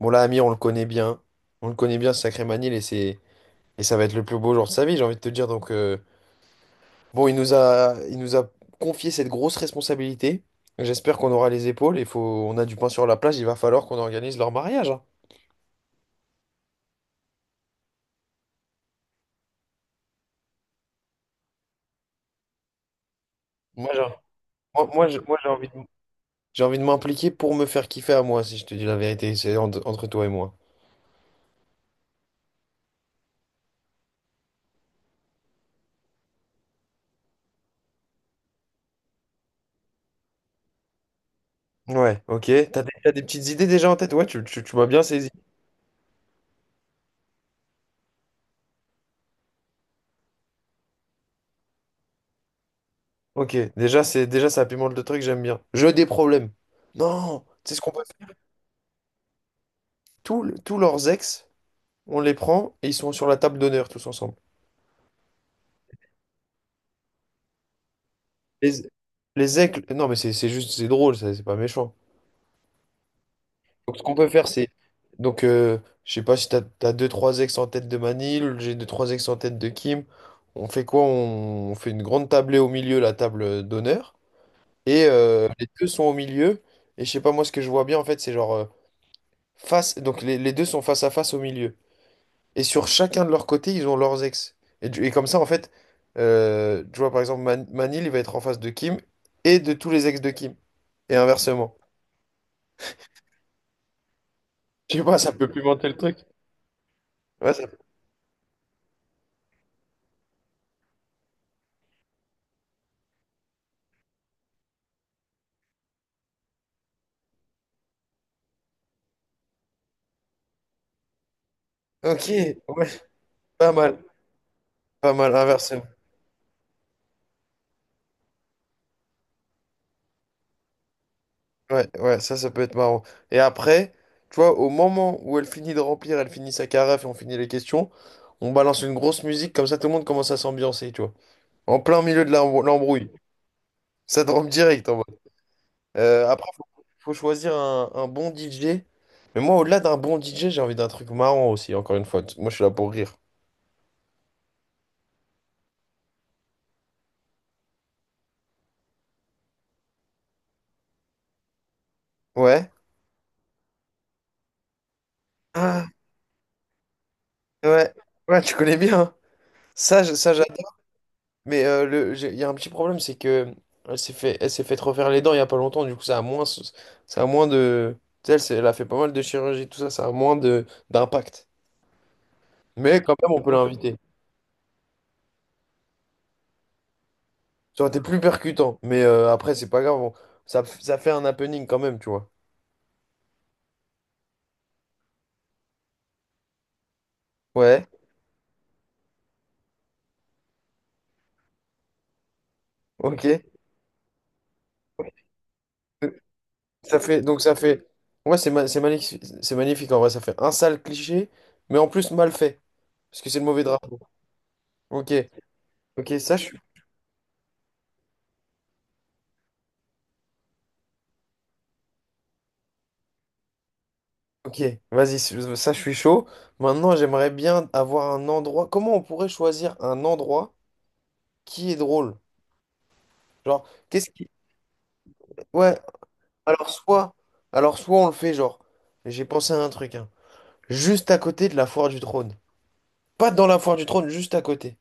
Bon, là, Amir, on le connaît bien. On le connaît bien, ce sacré Manil, et ça va être le plus beau jour de sa vie, j'ai envie de te dire. Donc, il nous a confié cette grosse responsabilité. J'espère qu'on aura les épaules. Il faut, on a du pain sur la plage. Il va falloir qu'on organise leur mariage, hein. Moi, j'ai moi, j'ai envie de, J'ai envie de m'impliquer pour me faire kiffer à moi, si je te dis la vérité. C'est entre toi et moi. Ouais, ok. T'as des petites idées déjà en tête? Ouais, tu m'as bien saisi. Ok, déjà, ça pimente le truc, j'aime bien. Jeu des problèmes. Non, c'est ce qu'on peut tous leurs ex, on les prend et ils sont sur la table d'honneur tous ensemble. Les, les ex, non mais c'est juste, c'est drôle, ça, c'est pas méchant. Donc ce qu'on peut faire, c'est. Donc, je sais pas si t'as deux, trois ex en tête de Manil, j'ai deux, trois ex en tête de Kim. On fait quoi? On fait une grande tablée au milieu, la table d'honneur. Et les deux sont au milieu. Et je sais pas, moi ce que je vois bien en fait, c'est face. Donc les deux sont face à face au milieu. Et sur chacun de leur côté, ils ont leurs ex. Et comme ça, en fait, tu vois, par exemple, Manil, il va être en face de Kim et de tous les ex de Kim. Et inversement. Je sais pas, ça peut pimenter le truc. Ouais, ça- Ok, ouais, pas mal, pas mal, inversement. Ouais, ouais, ça peut être marrant. Et après, tu vois, au moment où elle finit de remplir, elle finit sa carafe et on finit les questions, on balance une grosse musique, comme ça tout le monde commence à s'ambiancer, tu vois. En plein milieu de l'embrouille. Ça te rampe direct en Euh, après, faut, faut choisir un bon DJ. Mais moi, au-delà d'un bon DJ, j'ai envie d'un truc marrant aussi, encore une fois. Moi, je suis là pour rire. Ouais. Ah, ouais. Ouais, tu connais bien, hein. Ça, ça j'adore. Mais il y a un petit problème, c'est que elle s'est fait refaire les dents il y a pas longtemps. Du coup, ça a moins de. Tu sais, elle a fait pas mal de chirurgie, tout ça, ça a moins de d'impact. Mais quand même, on peut l'inviter. Ça aurait été plus percutant. Mais après, c'est pas grave. Ça, ça fait un happening quand même, tu vois. Ouais, ok. Ça fait, donc ça fait. Ouais, c'est magnifique. C'est magnifique en vrai. Ça fait un sale cliché, mais en plus mal fait. Parce que c'est le mauvais drapeau. Ok, ok, ça je suis. Ok, vas-y, ça je suis chaud. Maintenant, j'aimerais bien avoir un endroit. Comment on pourrait choisir un endroit qui est drôle? Genre, qu'est-ce qui. Ouais, alors soit. Alors soit on le fait, genre. J'ai pensé à un truc, hein. Juste à côté de la foire du trône. Pas dans la foire du trône, juste à côté.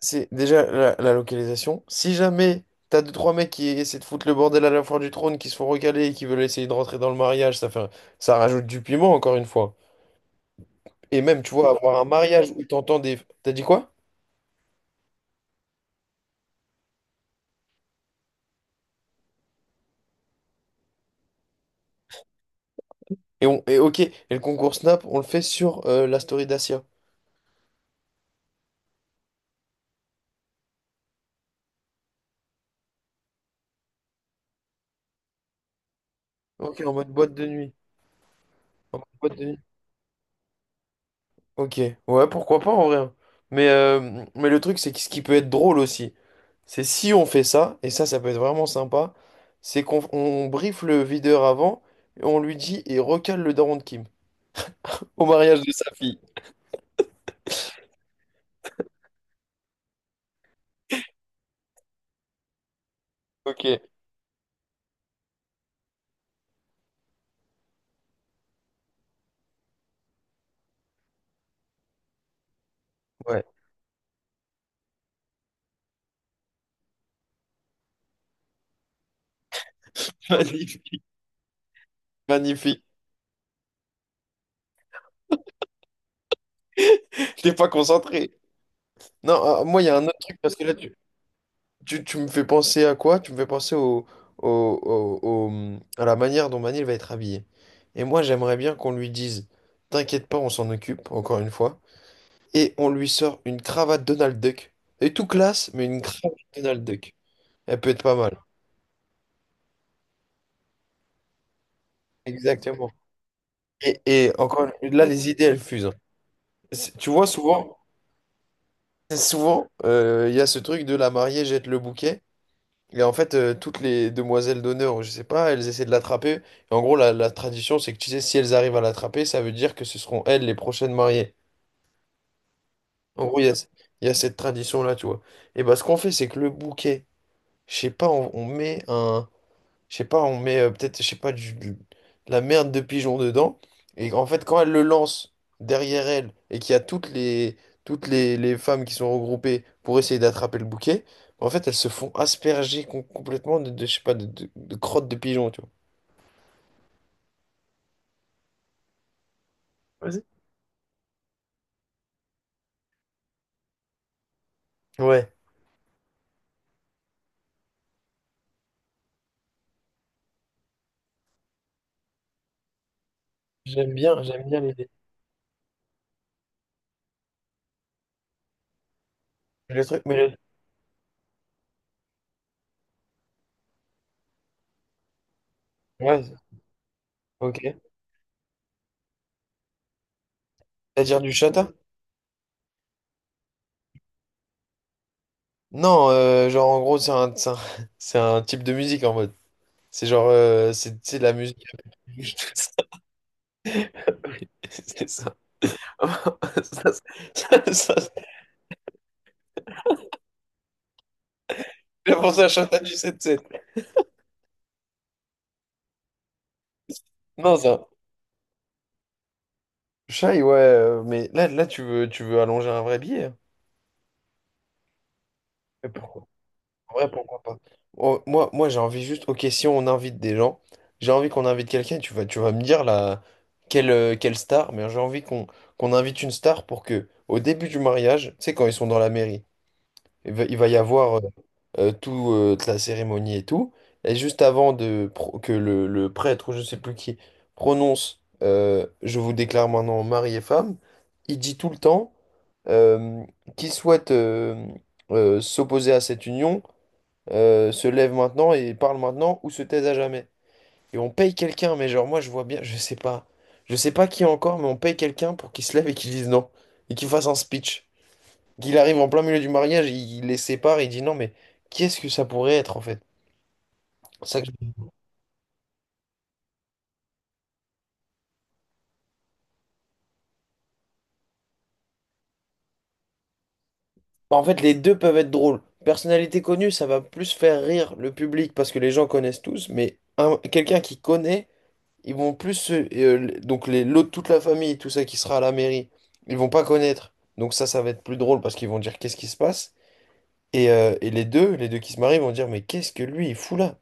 C'est déjà la localisation. Si jamais t'as deux, trois mecs qui essaient de foutre le bordel à la foire du trône, qui se font recaler et qui veulent essayer de rentrer dans le mariage, ça fait, ça rajoute du piment, encore une fois. Et même, tu vois, avoir un mariage où t'entends des... T'as dit quoi? Et, on, et ok, et le concours Snap, on le fait sur la story d'Asia. Ok, en mode boîte de nuit. En mode boîte de nuit. Ok, ouais, pourquoi pas en vrai, hein. Mais mais le truc, c'est que ce qui peut être drôle aussi, c'est si on fait ça, et ça, ça peut être vraiment sympa, c'est qu'on on briefe le videur avant, et on lui dit, et recale le daron de Kim au mariage de sa fille. Ok, ouais. Magnifique, magnifique. T'es pas concentré. Non, ah, moi, il y a un autre truc, parce que là, tu me fais penser à quoi? Tu me fais penser au, à la manière dont Manil va être habillé. Et moi, j'aimerais bien qu'on lui dise, t'inquiète pas, on s'en occupe, encore une fois. Et on lui sort une cravate Donald Duck. Elle est tout classe, mais une cravate Donald Duck. Elle peut être pas mal. Exactement. Et, là, les idées, elles fusent, hein. Tu vois, souvent, il y a ce truc de la mariée jette le bouquet. Et en fait, toutes les demoiselles d'honneur, ou je sais pas, elles essaient de l'attraper. Et en gros, la tradition, c'est que tu sais, si elles arrivent à l'attraper, ça veut dire que ce seront elles les prochaines mariées. En gros, il y a cette tradition-là, tu vois. Et bah, ce qu'on fait, c'est que le bouquet, je sais pas, on met un. Je sais pas, on met peut-être, je sais pas, de la merde de pigeon dedans. Et en fait, quand elle le lance derrière elle et qu'il y a toutes les femmes qui sont regroupées pour essayer d'attraper le bouquet, en fait, elles se font asperger complètement je sais pas, de crottes de pigeon, tu vois. Vas-y. Ouais, j'aime bien l'idée. Le truc, mais le- Ouais, ok. C'est-à-dire du chata? Non, genre en gros, c'est un type de musique en mode. C'est genre, c'est de la musique. C'est ça. Ça, Ça, j'ai pensé à Chantal du 7-7. Non, ça. Shy, ouais, mais là tu veux allonger un vrai billet, hein. Mais pourquoi, en vrai, pourquoi pas? Oh, moi j'ai envie juste, ok, si on invite des gens, j'ai envie qu'on invite quelqu'un, tu vas me dire là, quelle star, mais j'ai envie qu'on invite une star pour que, au début du mariage, tu sais, quand ils sont dans la mairie, il va y avoir toute la cérémonie et tout. Et juste avant de que le prêtre ou je sais plus qui prononce Je vous déclare maintenant mari et femme, il dit tout le temps euh, qui souhaite s'opposer à cette union se lève maintenant et parle maintenant ou se taise à jamais. Et on paye quelqu'un, mais genre moi je vois bien, je sais pas qui encore, mais on paye quelqu'un pour qu'il se lève et qu'il dise non et qu'il fasse un speech qu'il arrive en plein milieu du mariage, il les sépare, il dit non, mais qu'est-ce que ça pourrait être en fait? Ça que En fait, les deux peuvent être drôles. Personnalité connue, ça va plus faire rire le public parce que les gens connaissent tous, mais quelqu'un qui connaît, ils vont plus donc les l'autre toute la famille, tout ça qui sera à la mairie, ils vont pas connaître. Donc ça va être plus drôle parce qu'ils vont dire qu'est-ce qui se passe. Et les deux qui se marient vont dire mais qu'est-ce que lui il fout là?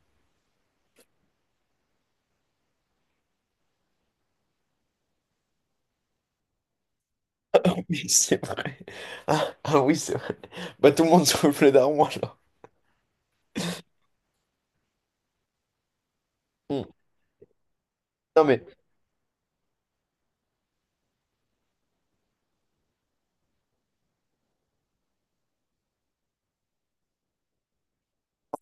Mais c'est vrai. Ah, ah oui, c'est vrai. Bah tout le monde souffle d'armoire là. Hmm. Non mais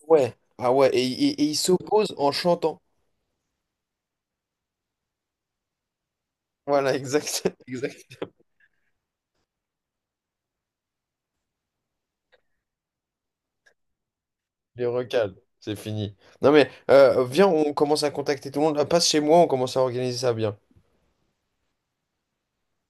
Ouais. Ah ouais, et il s'oppose en chantant. Voilà, exact. Exact. Les recale. C'est fini. Non mais, viens, on commence à contacter tout le monde. Passe chez moi, on commence à organiser ça bien.